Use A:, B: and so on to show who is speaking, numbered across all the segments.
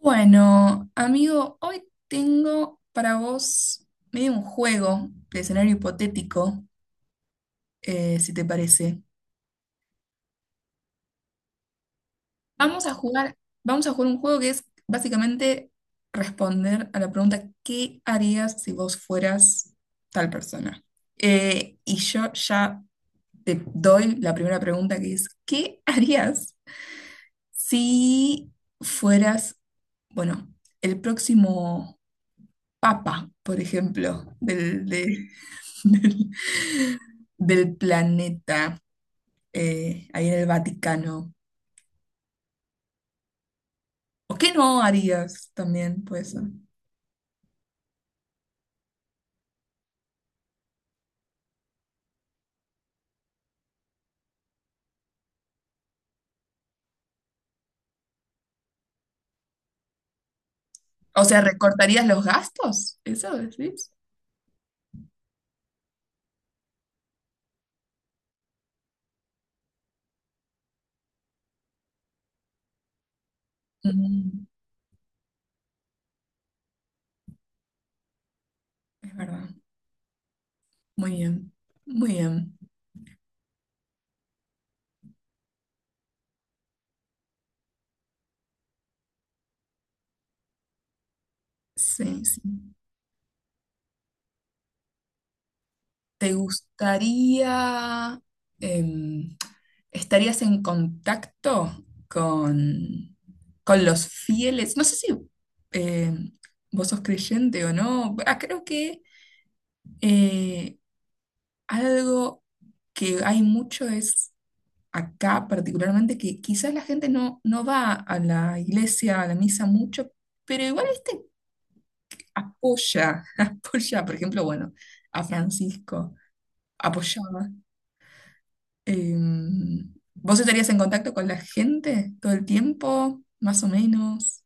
A: Bueno, amigo, hoy tengo para vos medio un juego de escenario hipotético, si te parece. Vamos a jugar, vamos a jugar un juego que es básicamente responder a la pregunta ¿qué harías si vos fueras tal persona? Y yo ya te doy la primera pregunta que es ¿qué harías si fueras, bueno, el próximo papa, por ejemplo, del, del planeta ahí en el Vaticano. ¿O qué no harías también? Pues, o sea, ¿recortarías los gastos? ¿Eso decís? Mm, es verdad. Muy bien. Muy bien. Sí, sí. ¿Te gustaría, em, estarías en contacto con los fieles? No sé si, em, vos sos creyente o no. Ah, creo que eh, algo que hay mucho es acá particularmente que quizás la gente no, no va a la iglesia, a la misa mucho, pero igual este apoya, apoya, por ejemplo, bueno, a Francisco, apoyaba. Eh, ¿Vos estarías en contacto con la gente todo el tiempo, más o menos?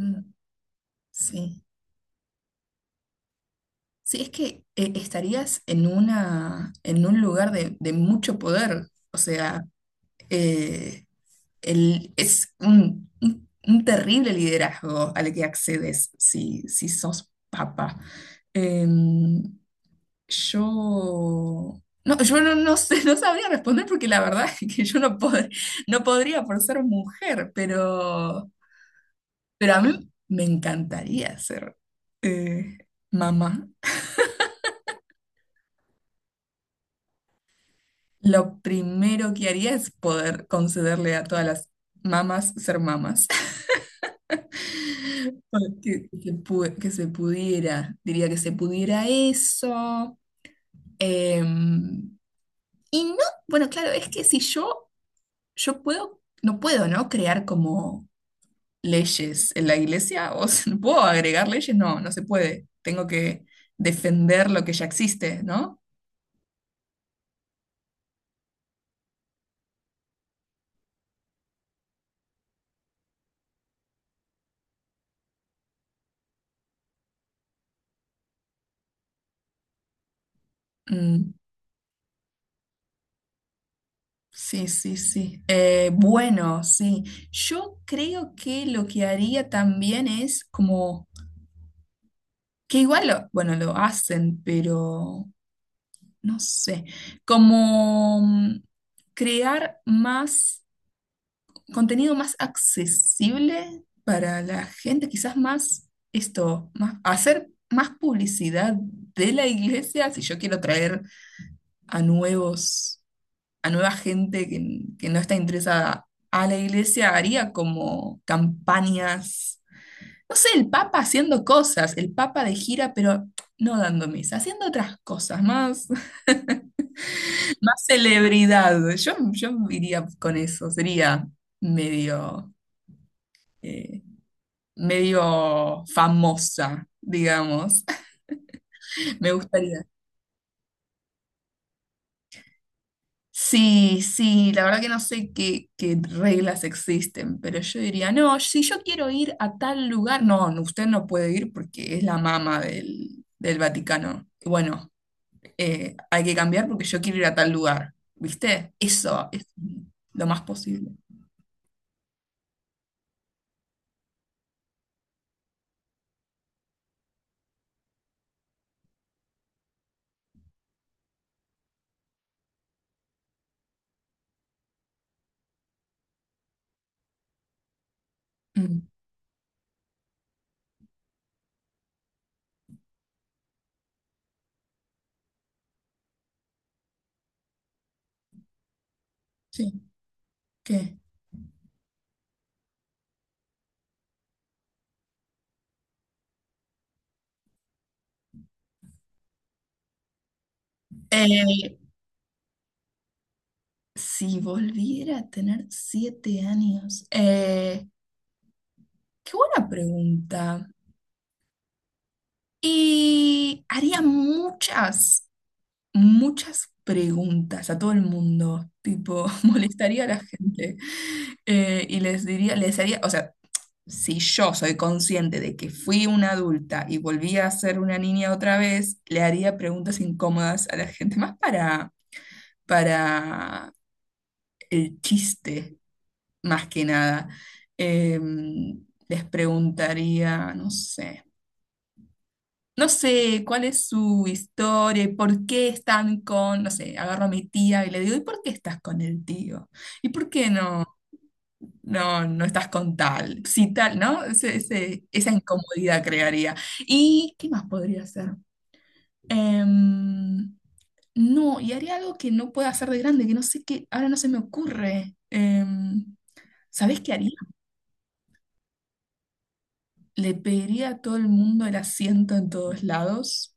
A: Mm, sí. Sí, es que estarías en una, en un lugar de mucho poder, o sea, eh, es un, un terrible liderazgo al que accedes si, si sos papa. Em, yo, no, yo no, no sé, no sabría responder porque la verdad es que yo no, no podría por ser mujer, pero a mí me encantaría ser eh, mamá. Lo primero que haría es poder concederle a todas las mamás ser mamás. Que, que se pudiera, diría que se pudiera eso. Em, y no, bueno, claro, es que si yo, yo puedo, no puedo, ¿no? Crear como leyes en la iglesia, o sea, ¿no puedo agregar leyes? No, no se puede. Tengo que defender lo que ya existe, ¿no? Mm, sí, sí, sí. Bueno, sí. Yo creo que lo que haría también es como que igual, bueno, lo hacen, pero no sé, como crear más contenido más accesible para la gente, quizás más esto, más, hacer más publicidad de la iglesia si yo quiero traer a nuevos, a nueva gente que no está interesada a la iglesia, haría como campañas, no sé, el Papa haciendo cosas, el Papa de gira, pero no dando misa, haciendo otras cosas, más, más celebridad. Yo iría con eso, sería medio, eh, medio famosa, digamos. Me gustaría. Sí, sí, la verdad que no sé qué, qué reglas existen, pero yo diría, no, si yo quiero ir a tal lugar, no, no, usted no puede ir porque es la mama del, del Vaticano. Bueno, hay que cambiar porque yo quiero ir a tal lugar, ¿viste? Eso es lo más posible. Mm, sí, ¿qué? Eh, si volviera a tener 7 años, qué buena pregunta. Y haría muchas, muchas preguntas a todo el mundo, tipo, molestaría a la gente, y les diría, les haría, o sea, si yo soy consciente de que fui una adulta y volví a ser una niña otra vez, le haría preguntas incómodas a la gente, más para el chiste, más que nada. Les preguntaría, no sé. No sé cuál es su historia y por qué están con, no sé, agarro a mi tía y le digo, ¿y por qué estás con el tío? ¿Y por qué no, no, no estás con tal? Si tal, ¿no? Esa incomodidad crearía. ¿Y qué más podría hacer? Em, no, y haría algo que no pueda hacer de grande, que no sé qué, ahora no se me ocurre. ¿Sabés qué haría? Le pediría a todo el mundo el asiento en todos lados.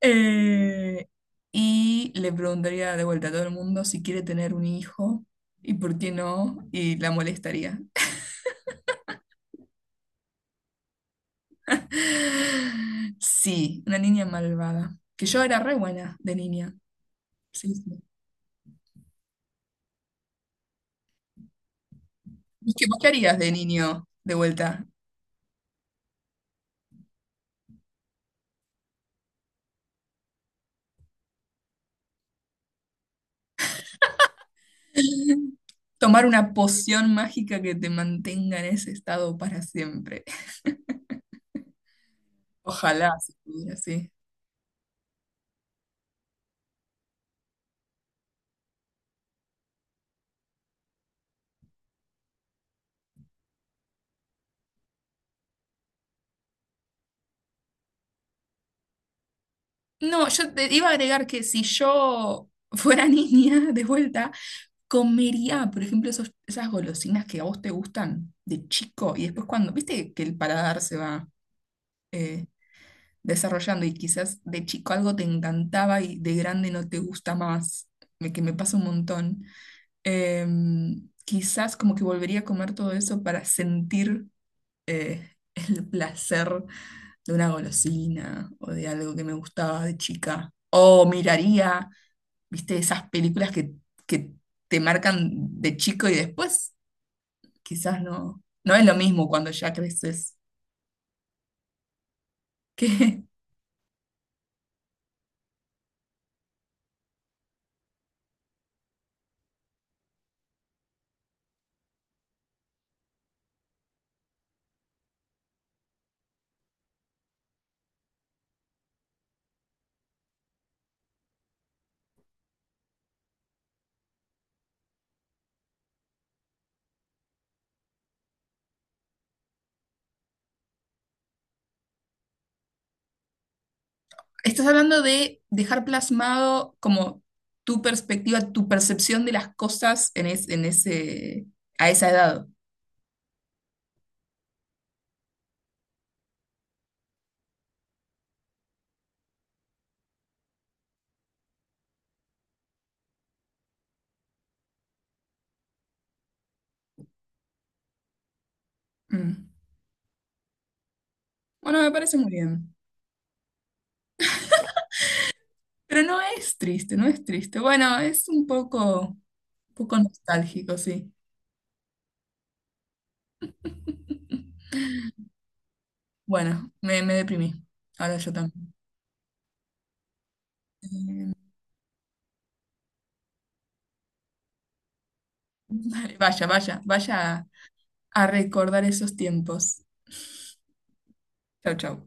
A: Eh, y le preguntaría de vuelta a todo el mundo si quiere tener un hijo y por qué no, y la molestaría. Sí, una niña malvada. Que yo era re buena de niña. Sí, sí. ¿Y qué, vos qué harías de niño de vuelta? Tomar una poción mágica que te mantenga en ese estado para siempre. Ojalá se pudiera, sí. No, yo te iba a agregar que si yo fuera niña de vuelta, comería, por ejemplo, esas golosinas que a vos te gustan de chico y después cuando, viste que el paladar se va eh, desarrollando, y quizás de chico algo te encantaba y de grande no te gusta más, que me pasa un montón. Quizás como que volvería a comer todo eso para sentir eh, el placer de una golosina o de algo que me gustaba de chica. O miraría, viste, esas películas que te marcan de chico y después quizás no, no es lo mismo cuando ya creces. Que estás hablando de dejar plasmado como tu perspectiva, tu percepción de las cosas en, en ese, a esa edad. Mm. Bueno, me parece muy bien. Pero no es triste, no es triste. Bueno, es un poco nostálgico, sí. Bueno, me deprimí. Ahora yo también. Eh, vaya, vaya, vaya a recordar esos tiempos. Chau, chau.